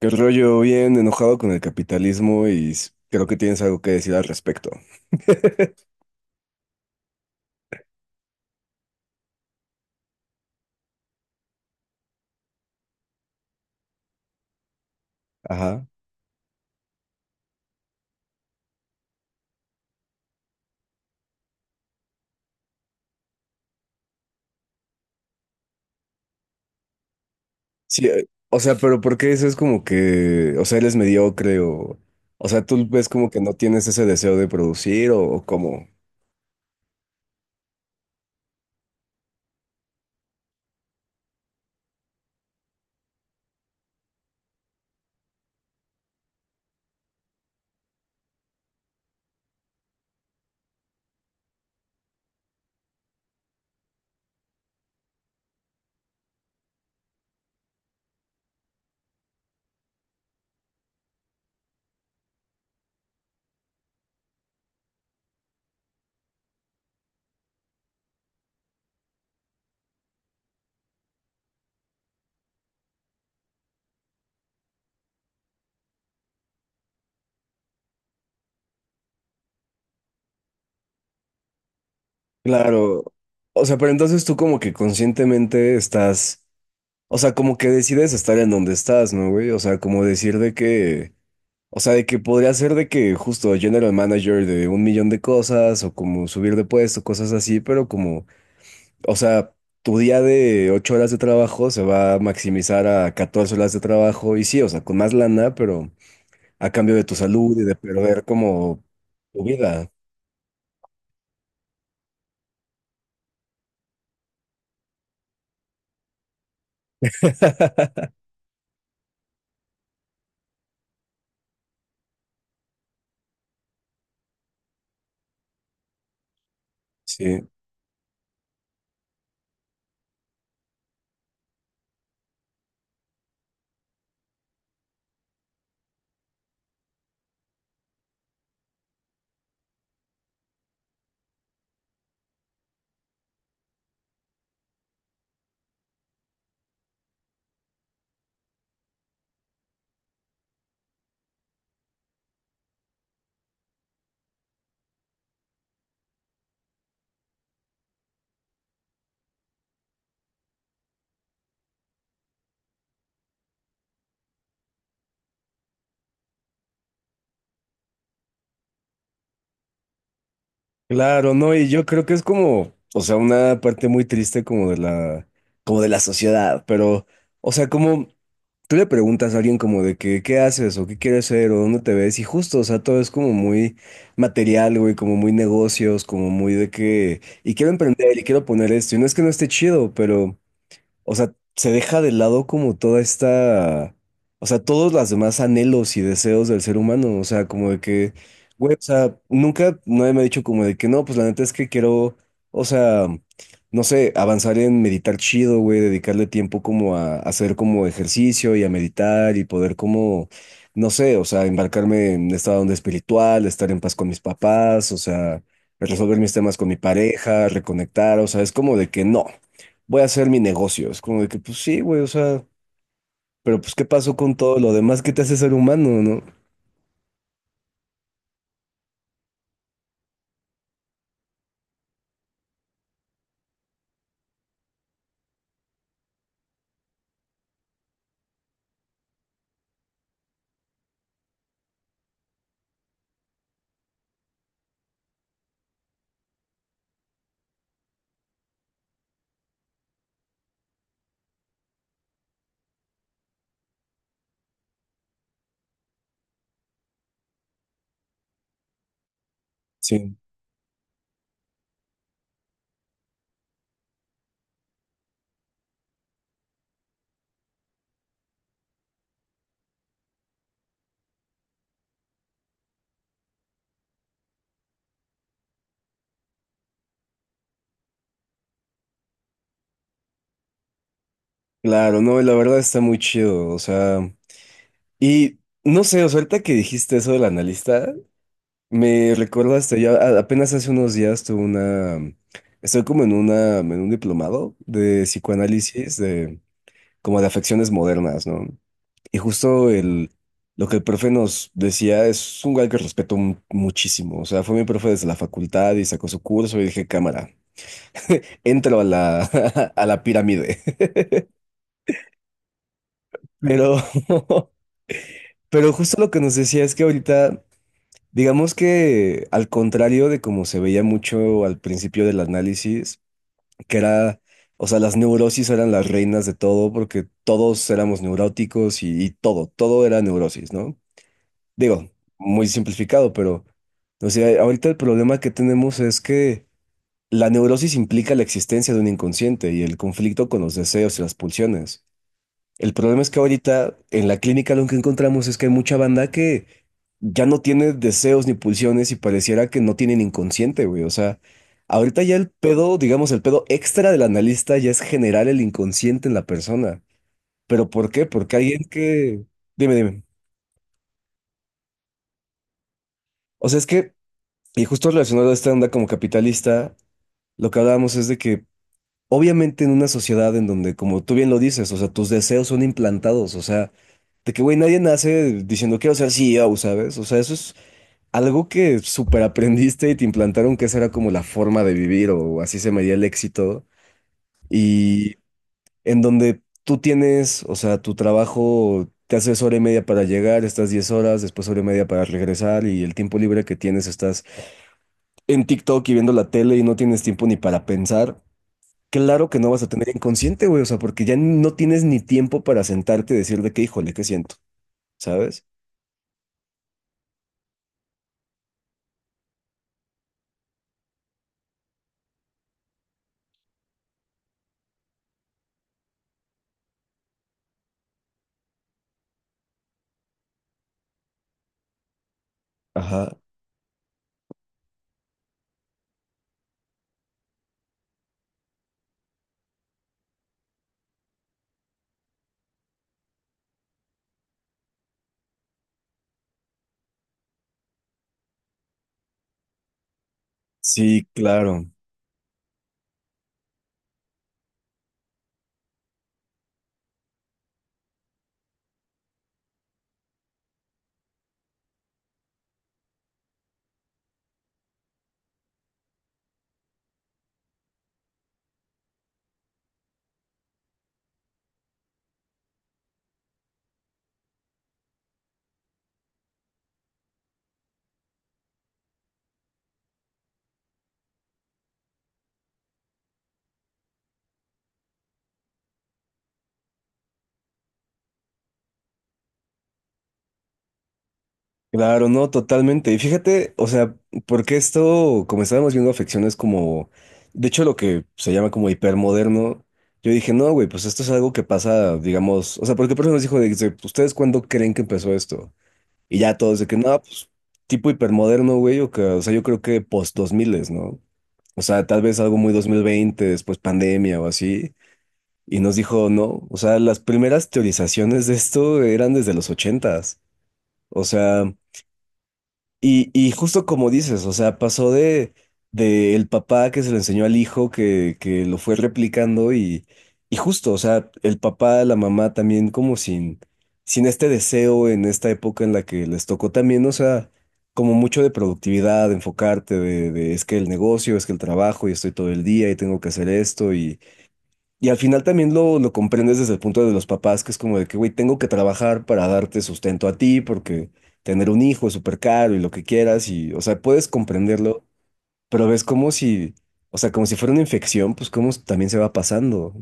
Qué rollo, bien enojado con el capitalismo y creo que tienes algo que decir al respecto. Ajá. Sí, o sea, pero ¿por qué eso es como que, o sea, eres mediocre o sea, tú ves como que no tienes ese deseo de producir o cómo? Claro. O sea, pero entonces tú como que conscientemente estás, o sea, como que decides estar en donde estás, ¿no, güey? O sea, como decir de que, o sea, de que podría ser de que justo general manager de un millón de cosas o como subir de puesto, cosas así, pero como, o sea, tu día de 8 horas de trabajo se va a maximizar a 14 horas de trabajo y sí, o sea, con más lana, pero a cambio de tu salud y de perder como tu vida. Sí, claro, no, y yo creo que es como, o sea, una parte muy triste como de la sociedad, pero, o sea, como... tú le preguntas a alguien como de que, qué haces o qué quieres ser o dónde te ves y justo, o sea, todo es como muy material, güey, como muy negocios, como muy de que, y quiero emprender y quiero poner esto, y no es que no esté chido, pero... O sea, se deja de lado como toda esta, o sea, todos los demás anhelos y deseos del ser humano, o sea, como de que, güey, o sea, nunca nadie me ha dicho como de que no, pues la neta es que quiero, o sea, no sé, avanzar en meditar chido, güey, dedicarle tiempo como a hacer como ejercicio y a meditar y poder como, no sé, o sea, embarcarme en esta onda espiritual, estar en paz con mis papás, o sea, resolver mis temas con mi pareja, reconectar, o sea, es como de que no voy a hacer mi negocio. Es como de que, pues sí, güey, o sea, pero pues ¿qué pasó con todo lo demás que te hace ser humano, no? Sí. Claro, no, y la verdad está muy chido, o sea, y no sé, o sea, ahorita que dijiste eso del analista, me recordaste, ya apenas hace unos días tuve una, estoy como en una, en un diplomado de psicoanálisis, de, como de afecciones modernas, ¿no? Y justo el, lo que el profe nos decía es un guy que respeto muchísimo. O sea, fue mi profe desde la facultad y sacó su curso y dije, cámara, entro a la, a la pirámide. Pero, pero justo lo que nos decía es que ahorita, digamos que al contrario de como se veía mucho al principio del análisis, que era, o sea, las neurosis eran las reinas de todo porque todos éramos neuróticos y todo, todo era neurosis, ¿no? Digo, muy simplificado, pero, o sea, ahorita el problema que tenemos es que la neurosis implica la existencia de un inconsciente y el conflicto con los deseos y las pulsiones. El problema es que ahorita en la clínica lo que encontramos es que hay mucha banda que ya no tiene deseos ni pulsiones y pareciera que no tienen inconsciente, güey. O sea, ahorita ya el pedo, digamos, el pedo extra del analista ya es generar el inconsciente en la persona. ¿Pero por qué? Porque alguien que... Dime, dime. O sea, es que y justo relacionado a esta onda como capitalista, lo que hablábamos es de que obviamente en una sociedad en donde, como tú bien lo dices, o sea, tus deseos son implantados, o sea, de que, güey, nadie nace diciendo quiero ser CEO, ¿sabes? O sea, eso es algo que súper aprendiste y te implantaron que esa era como la forma de vivir o así se medía el éxito. Y en donde tú tienes, o sea, tu trabajo te haces hora y media para llegar, estás 10 horas, después hora y media para regresar y el tiempo libre que tienes estás en TikTok y viendo la tele y no tienes tiempo ni para pensar, claro que no vas a tener inconsciente, güey, o sea, porque ya no tienes ni tiempo para sentarte y decir de qué, híjole, qué siento, ¿sabes? Ajá. Sí, claro. Claro, no, totalmente. Y fíjate, o sea, porque esto, como estábamos viendo afecciones como, de hecho, lo que se llama como hipermoderno, yo dije, no, güey, pues esto es algo que pasa, digamos, o sea, porque por eso nos dijo, de, dice, ¿ustedes cuándo creen que empezó esto? Y ya todos de que, no, pues, tipo hipermoderno, güey, o que, o sea, yo creo que post 2000, ¿no? O sea, tal vez algo muy 2020 después pandemia o así. Y nos dijo, no, o sea, las primeras teorizaciones de esto eran desde los ochentas. O sea, y justo como dices, o sea, pasó de el papá que se lo enseñó al hijo, que lo fue replicando y justo, o sea, el papá, la mamá también como sin, sin este deseo en esta época en la que les tocó también, o sea, como mucho de productividad, de enfocarte, de es que el negocio, es que el trabajo y estoy todo el día y tengo que hacer esto y al final también lo comprendes desde el punto de los papás, que es como de que, güey, tengo que trabajar para darte sustento a ti, porque tener un hijo es súper caro y lo que quieras, y, o sea, puedes comprenderlo, pero ves como si, o sea, como si fuera una infección, pues como también se va pasando.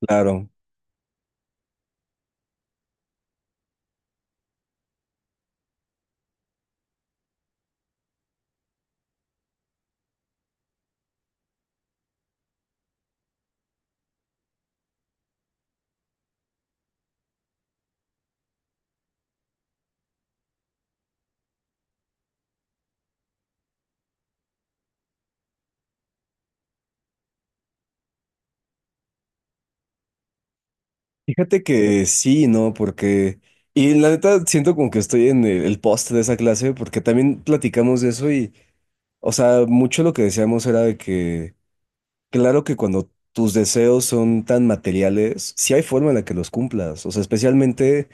Claro. Fíjate que sí, ¿no? Porque, y la neta, siento como que estoy en el post de esa clase, porque también platicamos de eso y, o sea, mucho lo que decíamos era de que... Claro que cuando tus deseos son tan materiales, sí hay forma en la que los cumplas. O sea, especialmente,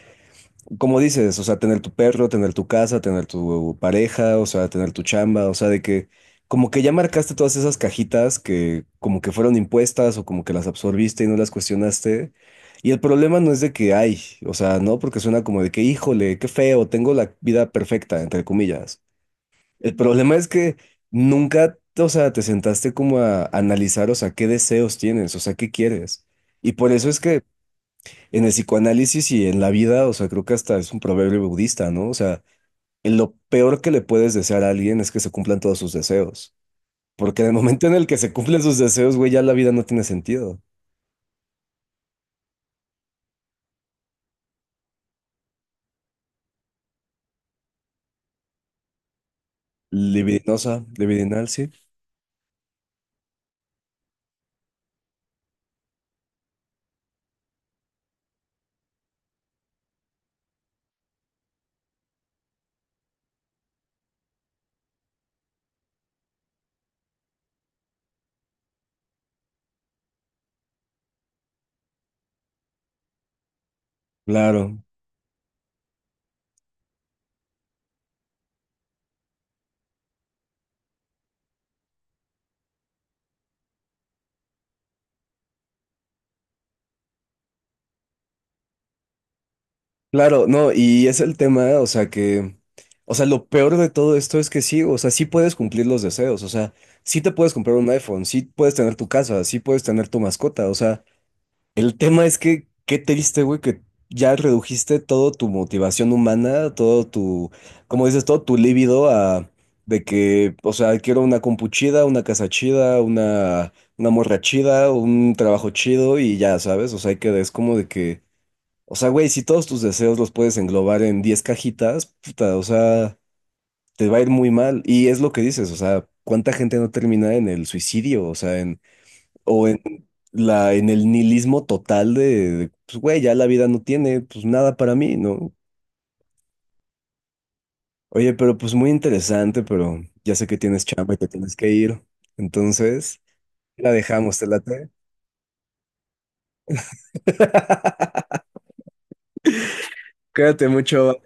como dices, o sea, tener tu perro, tener tu casa, tener tu pareja, o sea, tener tu chamba, o sea, de que como que ya marcaste todas esas cajitas que como que fueron impuestas o como que las absorbiste y no las cuestionaste. Y el problema no es de que hay, o sea, no, porque suena como de que, híjole, qué feo, tengo la vida perfecta, entre comillas. El problema es que nunca, o sea, te sentaste como a analizar, o sea, qué deseos tienes, o sea, qué quieres. Y por eso es que en el psicoanálisis y en la vida, o sea, creo que hasta es un proverbio budista, ¿no? O sea, en lo peor que le puedes desear a alguien es que se cumplan todos sus deseos. Porque en el momento en el que se cumplen sus deseos, güey, ya la vida no tiene sentido. Libidinosa, libidinal, sí. Claro. Claro, no, y es el tema, o sea que, o sea, lo peor de todo esto es que sí, o sea, sí puedes cumplir los deseos, o sea, sí te puedes comprar un iPhone, sí puedes tener tu casa, sí puedes tener tu mascota, o sea, el tema es que, qué triste, güey, que ya redujiste todo tu motivación humana, todo tu, como dices, todo tu líbido a, de que, o sea, quiero una compu chida, una casa chida, una morra chida, un trabajo chido y ya, ¿sabes? O sea, que es como de que... O sea, güey, si todos tus deseos los puedes englobar en 10 cajitas, puta, o sea, te va a ir muy mal. Y es lo que dices, o sea, ¿cuánta gente no termina en el suicidio? O sea, en, o en la, en el nihilismo total de, pues, güey, ya la vida no tiene, pues nada para mí, ¿no? Oye, pero pues muy interesante, pero ya sé que tienes chamba y te tienes que ir. Entonces, la dejamos, te late. Cuídate mucho.